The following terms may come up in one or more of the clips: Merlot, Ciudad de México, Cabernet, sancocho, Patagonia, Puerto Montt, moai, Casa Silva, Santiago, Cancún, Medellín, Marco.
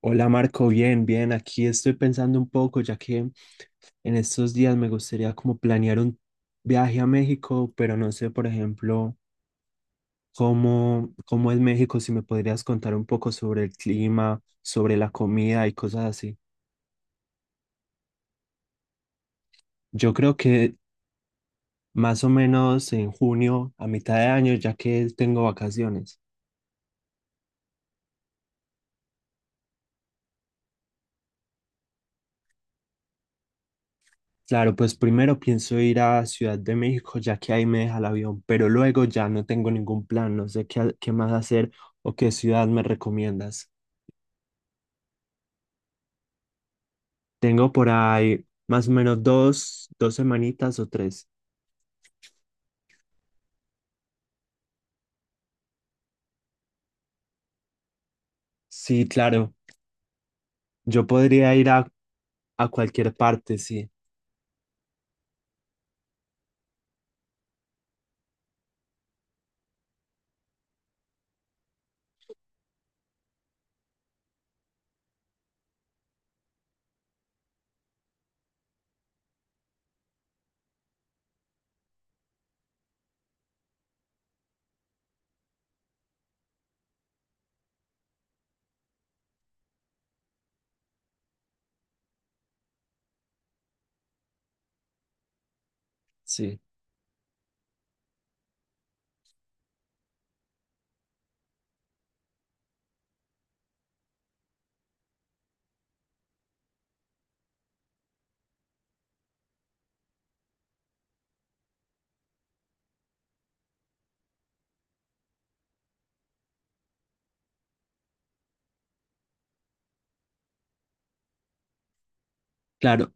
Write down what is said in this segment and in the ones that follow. Hola Marco, bien, bien. Aquí estoy pensando un poco, ya que en estos días me gustaría como planear un viaje a México, pero no sé, por ejemplo, cómo es México, si me podrías contar un poco sobre el clima, sobre la comida y cosas así. Yo creo que más o menos en junio, a mitad de año, ya que tengo vacaciones. Claro, pues primero pienso ir a Ciudad de México, ya que ahí me deja el avión, pero luego ya no tengo ningún plan, no sé qué más hacer o qué ciudad me recomiendas. Tengo por ahí más o menos dos semanitas o tres. Sí, claro, yo podría ir a cualquier parte, sí, sí. Claro.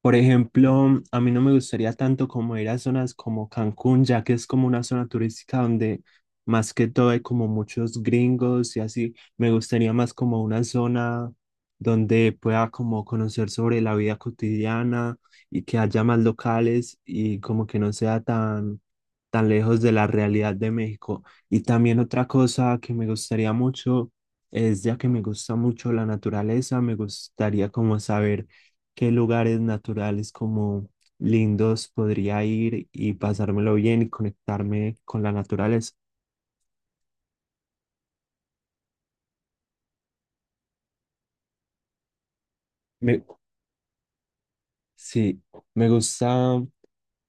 Por ejemplo, a mí no me gustaría tanto como ir a zonas como Cancún, ya que es como una zona turística donde más que todo hay como muchos gringos y así. Me gustaría más como una zona donde pueda como conocer sobre la vida cotidiana y que haya más locales y como que no sea tan lejos de la realidad de México. Y también otra cosa que me gustaría mucho es, ya que me gusta mucho la naturaleza, me gustaría como saber qué lugares naturales como lindos podría ir y pasármelo bien y conectarme con la naturaleza. Me, sí, me gusta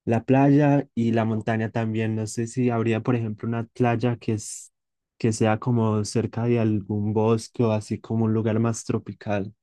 la playa y la montaña también. No sé si habría, por ejemplo, una playa que es, que sea como cerca de algún bosque o así como un lugar más tropical.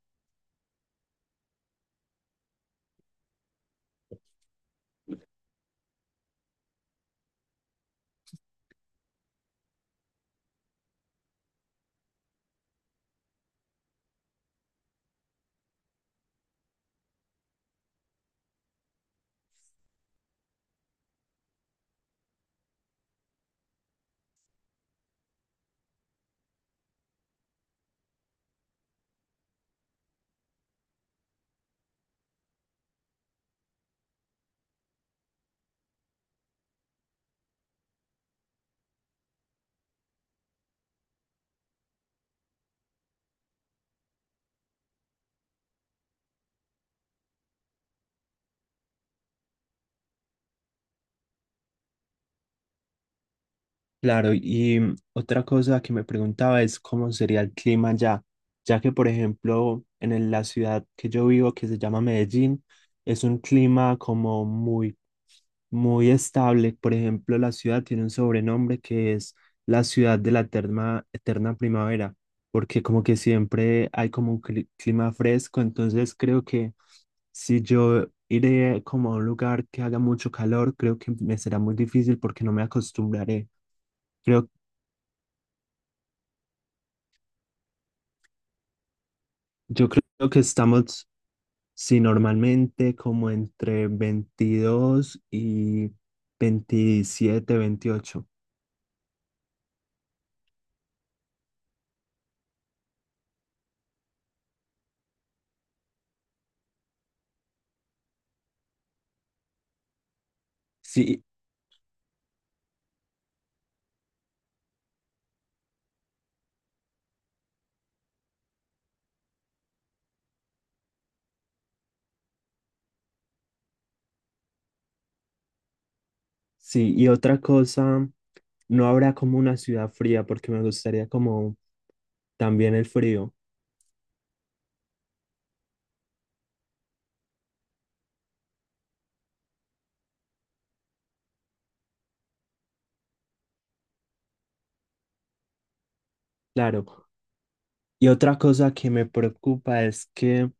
Claro, y otra cosa que me preguntaba es cómo sería el clima allá, ya que por ejemplo en la ciudad que yo vivo, que se llama Medellín, es un clima como muy estable. Por ejemplo, la ciudad tiene un sobrenombre que es la ciudad de la eterna primavera, porque como que siempre hay como un clima fresco, entonces creo que si yo iré como a un lugar que haga mucho calor, creo que me será muy difícil porque no me acostumbraré. Creo, yo creo que estamos, si normalmente como entre 22 y 27 28. Sí, sí, y otra cosa, no habrá como una ciudad fría porque me gustaría como también el frío, claro. Y otra cosa que me preocupa es que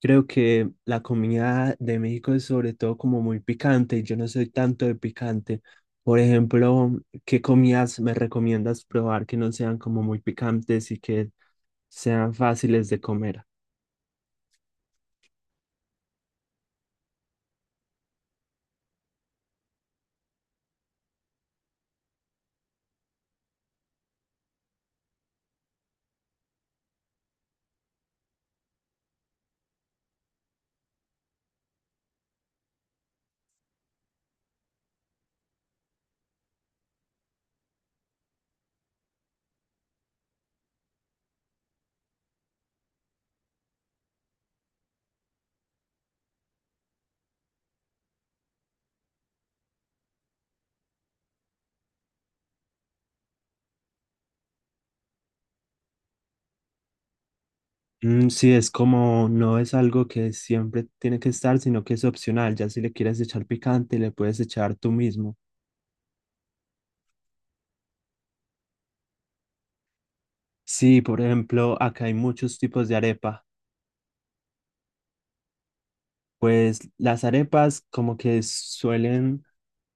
creo que la comida de México es sobre todo como muy picante y yo no soy tanto de picante. Por ejemplo, ¿qué comidas me recomiendas probar que no sean como muy picantes y que sean fáciles de comer? Mm, sí, es como no es algo que siempre tiene que estar, sino que es opcional. Ya si le quieres echar picante, le puedes echar tú mismo. Sí, por ejemplo, acá hay muchos tipos de arepa. Pues las arepas como que suelen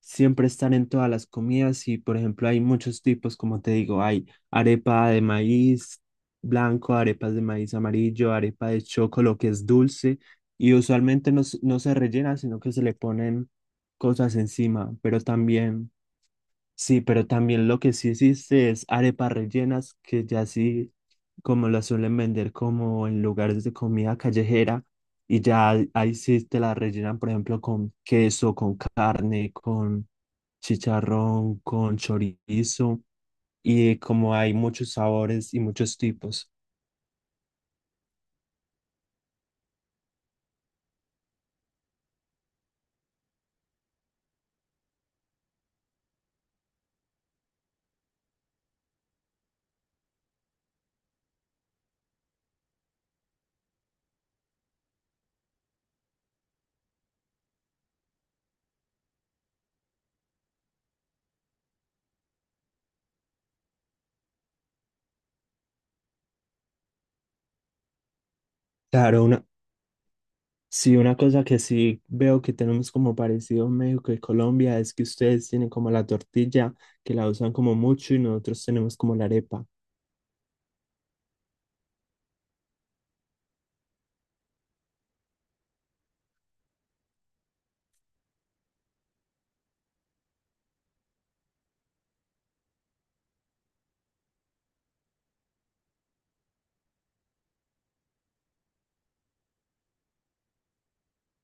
siempre estar en todas las comidas y por ejemplo hay muchos tipos, como te digo, hay arepa de maíz blanco, arepas de maíz amarillo, arepa de chocolo que es dulce y usualmente no, no se rellena, sino que se le ponen cosas encima, pero también... Sí, pero también lo que sí existe es arepas rellenas, que ya sí, como las suelen vender como en lugares de comida callejera, y ya ahí sí te la rellenan, por ejemplo, con queso, con carne, con chicharrón, con chorizo, y como hay muchos sabores y muchos tipos. Claro, una, sí, una cosa que sí veo que tenemos como parecido en México y Colombia es que ustedes tienen como la tortilla, que la usan como mucho, y nosotros tenemos como la arepa.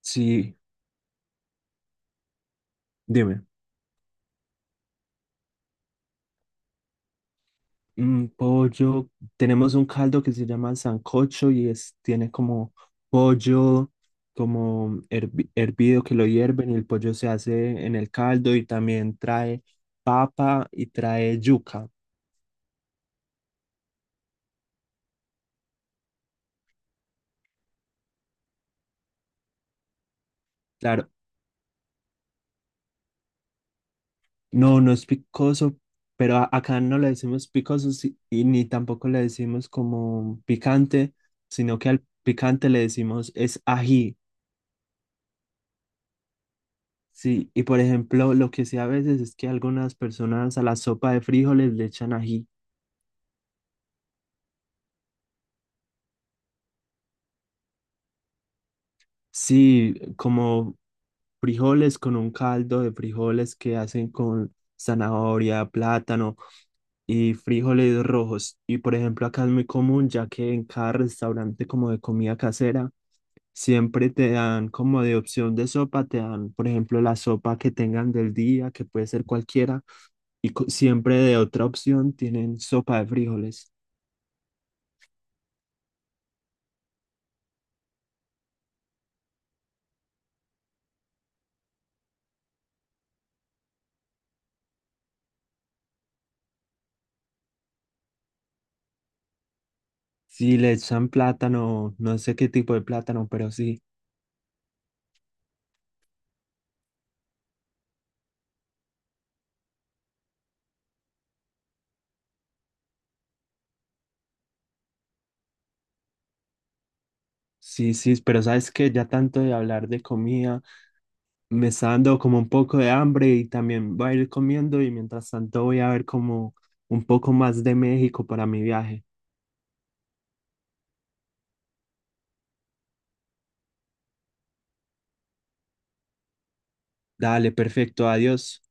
Sí, dime. Mm, pollo, tenemos un caldo que se llama sancocho y es, tiene como pollo, como hervido que lo hierven y el pollo se hace en el caldo y también trae papa y trae yuca. Claro, no, no es picoso, pero acá no le decimos picoso y ni tampoco le decimos como picante, sino que al picante le decimos es ají. Sí, y por ejemplo, lo que sí a veces es que algunas personas a la sopa de frijoles le echan ají. Sí, como frijoles con un caldo de frijoles que hacen con zanahoria, plátano y frijoles rojos. Y por ejemplo, acá es muy común, ya que en cada restaurante como de comida casera, siempre te dan como de opción de sopa, te dan, por ejemplo, la sopa que tengan del día, que puede ser cualquiera, y siempre de otra opción tienen sopa de frijoles. Sí, le echan plátano, no sé qué tipo de plátano, pero sí, sí, sí, pero sabes que ya tanto de hablar de comida, me está dando como un poco de hambre y también voy a ir comiendo y mientras tanto voy a ver como un poco más de México para mi viaje. Dale, perfecto, adiós.